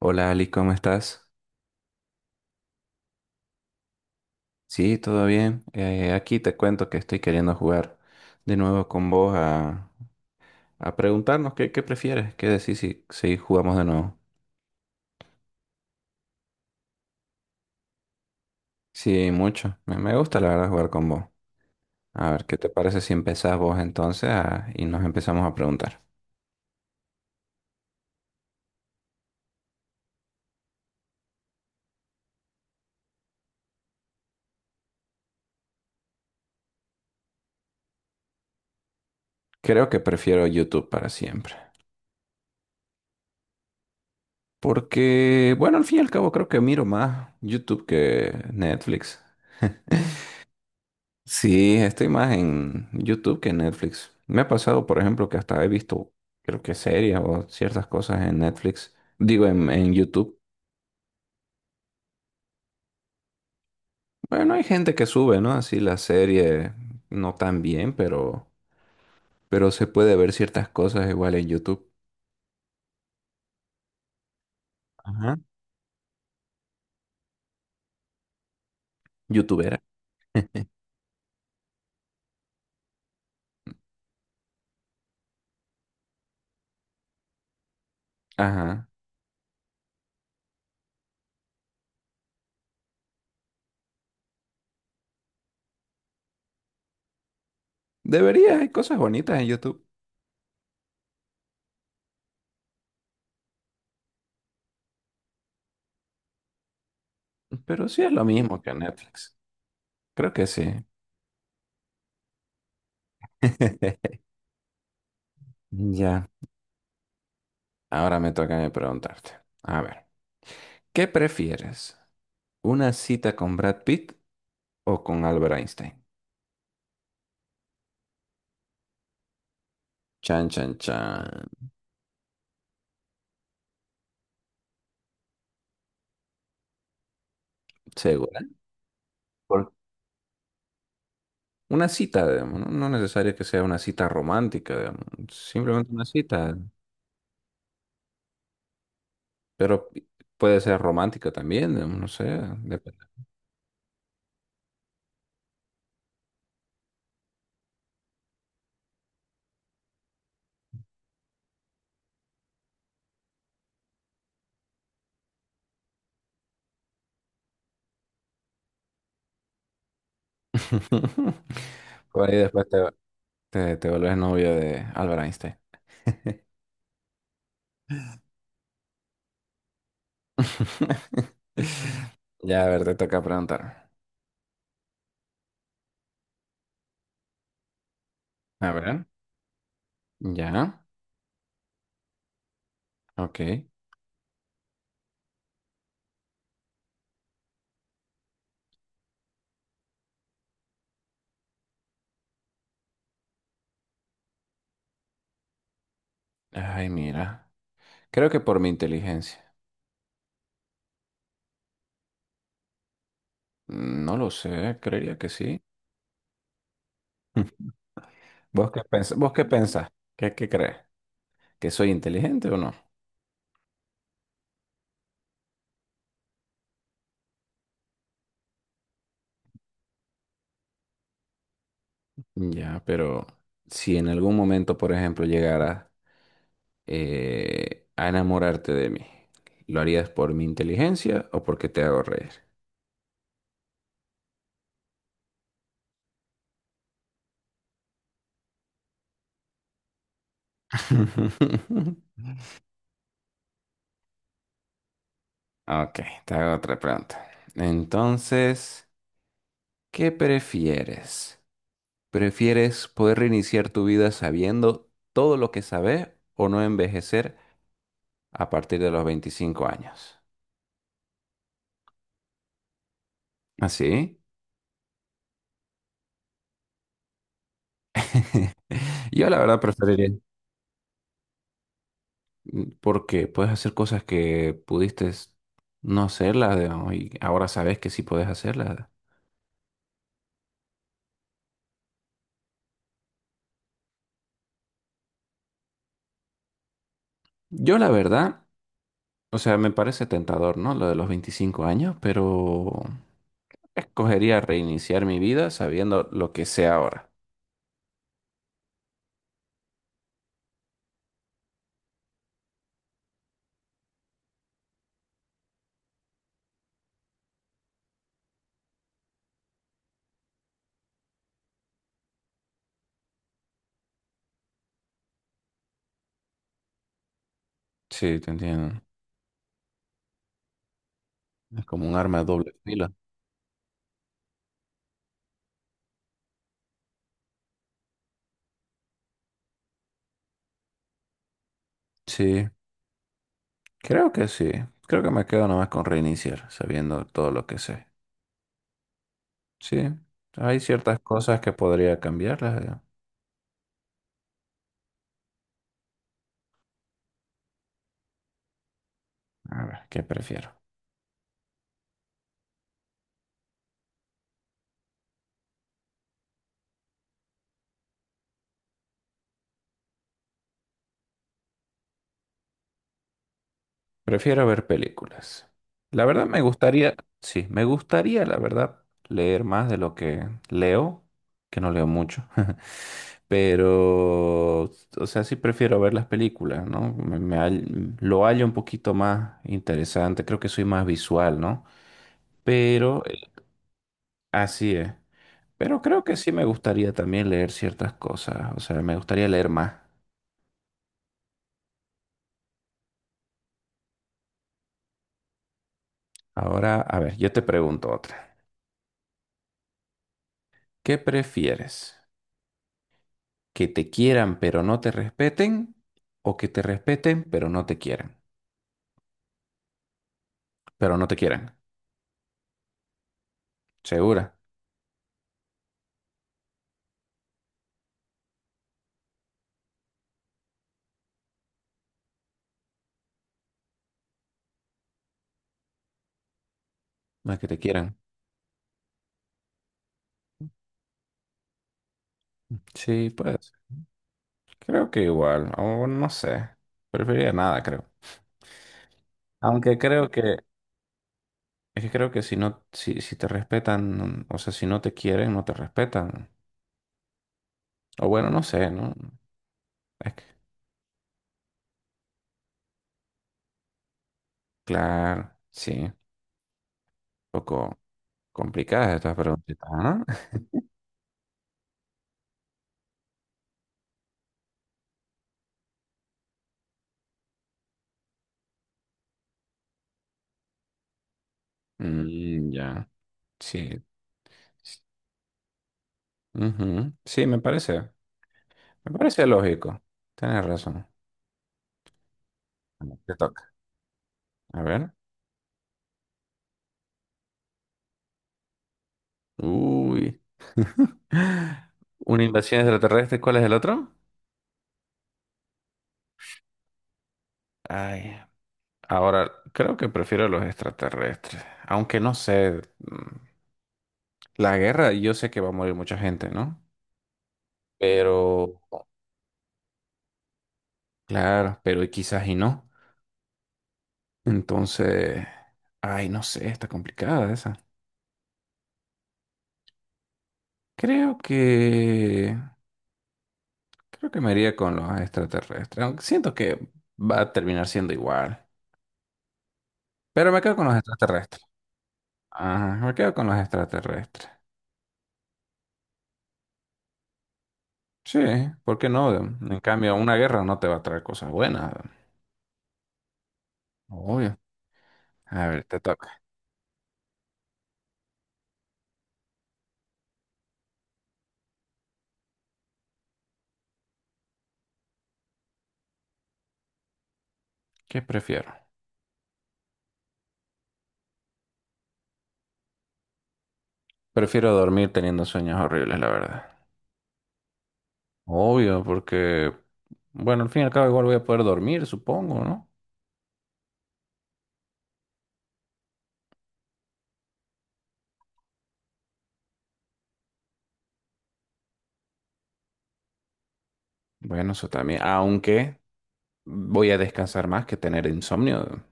Hola Ali, ¿cómo estás? Sí, todo bien. Aquí te cuento que estoy queriendo jugar de nuevo con vos a preguntarnos qué prefieres, qué decís si jugamos de nuevo. Sí, mucho. Me gusta la verdad jugar con vos. A ver, ¿qué te parece si empezás vos entonces y nos empezamos a preguntar? Creo que prefiero YouTube para siempre. Porque, bueno, al fin y al cabo creo que miro más YouTube que Netflix. Sí, estoy más en YouTube que en Netflix. Me ha pasado, por ejemplo, que hasta he visto, creo que series o ciertas cosas en Netflix. Digo, en YouTube. Bueno, hay gente que sube, ¿no? Así la serie no tan bien, pero se puede ver ciertas cosas igual en YouTube. Ajá. YouTubera. Ajá. Debería, hay cosas bonitas en YouTube, pero sí es lo mismo que en Netflix. Creo que sí. Ya, ahora me toca a mí preguntarte. A ver, ¿qué prefieres? ¿Una cita con Brad Pitt o con Albert Einstein? Chan, chan, chan. ¿Segura? Por una cita, digamos, no necesario que sea una cita romántica, digamos, simplemente una cita, pero puede ser romántica también, digamos, no sé, depende. Por ahí después te, te vuelves novio de Albert Einstein. Ya, a ver, te toca preguntar. A ver, ya, ok. Ay, mira. Creo que por mi inteligencia. No lo sé, creería que sí. ¿Vos qué pensás? ¿Vos qué pensás? ¿Qué crees? ¿Que soy inteligente o no? Ya, pero si en algún momento, por ejemplo, llegaras a enamorarte de mí, ¿lo harías por mi inteligencia o porque te hago reír? Ok, te hago otra pregunta. Entonces, ¿qué prefieres? ¿Prefieres poder reiniciar tu vida sabiendo todo lo que sabes o no envejecer a partir de los 25 años? ¿Así? Yo la verdad preferiría, porque puedes hacer cosas que pudiste no hacerlas, digamos, y ahora sabes que sí puedes hacerlas. Yo la verdad, o sea, me parece tentador, ¿no? Lo de los 25 años, pero escogería reiniciar mi vida sabiendo lo que sé ahora. Sí, te entiendo. Es como un arma de doble filo. Sí, sí. Creo que me quedo nomás con reiniciar, sabiendo todo lo que sé. Sí, hay ciertas cosas que podría cambiarlas. A ver, ¿qué prefiero? Prefiero ver películas. La verdad me gustaría, sí, me gustaría, la verdad, leer más de lo que leo, que no leo mucho. Pero, o sea, sí prefiero ver las películas, ¿no? Lo hallo un poquito más interesante, creo que soy más visual, ¿no? Pero, así es. Pero creo que sí me gustaría también leer ciertas cosas, o sea, me gustaría leer más. Ahora, a ver, yo te pregunto otra. ¿Qué prefieres? ¿Que te quieran pero no te respeten? ¿O que te respeten pero no te quieran? Pero no te quieran. ¿Segura? No es que te quieran. Sí, pues creo que igual, o no sé. Preferiría nada, creo. Aunque creo que, es que creo que si no, si te respetan, o sea, si no te quieren, no te respetan. O bueno, no sé, ¿no? Es que, claro, sí, un poco complicadas estas preguntitas, ¿no? Mm, ya. Sí. Ujú, sí, me parece. Me parece lógico. Tienes razón. Bueno, te toca. A ver. Uy. Una invasión extraterrestre. ¿Cuál es el otro? Ay. Ahora, creo que prefiero los extraterrestres. Aunque no sé. La guerra, yo sé que va a morir mucha gente, ¿no? Pero, claro, pero y quizás y no. Entonces, ay, no sé, está complicada esa. Creo que... Creo que me iría con los extraterrestres. Aunque siento que va a terminar siendo igual. Pero me quedo con los extraterrestres. Ajá, me quedo con los extraterrestres. Sí, ¿por qué no? En cambio, una guerra no te va a traer cosas buenas. Obvio. A ver, te toca. ¿Qué prefiero? Prefiero dormir teniendo sueños horribles, la verdad. Obvio, porque, bueno, al fin y al cabo igual voy a poder dormir, supongo, ¿no? Bueno, eso también. Aunque voy a descansar más que tener insomnio.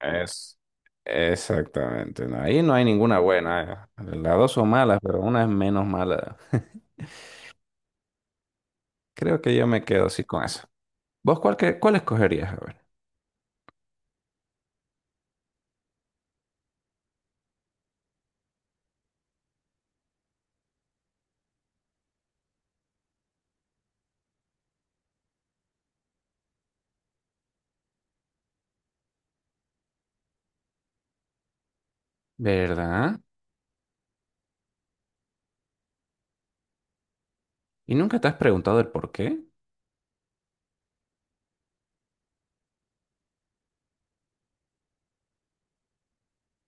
Es, Exactamente. No, ahí no hay ninguna buena. Las dos son malas, pero una es menos mala. Creo que yo me quedo así con eso. ¿Vos cuál, cuál escogerías? A ver. ¿Verdad? ¿Y nunca te has preguntado el por qué?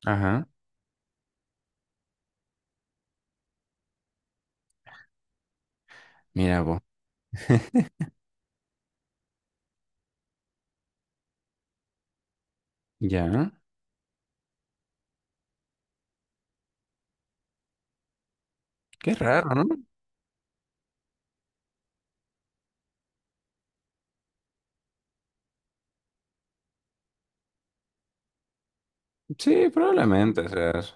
Ajá. Mira vos. Ya. Qué raro, ¿no? Sí, probablemente. O sea,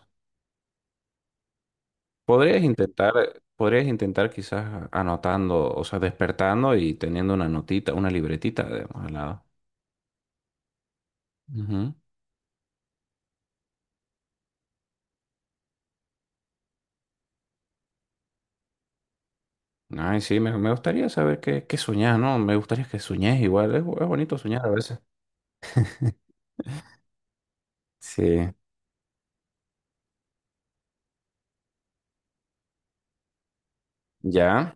podrías intentar, podrías intentar quizás anotando, o sea, despertando y teniendo una notita, una libretita, digamos, al lado. Ujú. Ay, sí, me gustaría saber qué, qué soñás, ¿no? Me gustaría que soñés igual, es bonito soñar a veces. Sí, ya.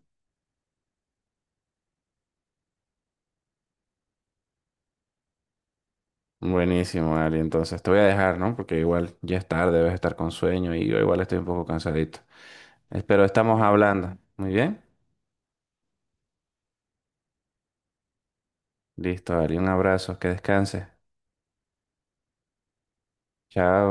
Buenísimo, Ari. Entonces te voy a dejar, ¿no? Porque igual ya es tarde, debes estar con sueño y yo igual estoy un poco cansadito. Espero estamos hablando. Muy bien. Listo, Ari. Un abrazo, que descanses. Chao.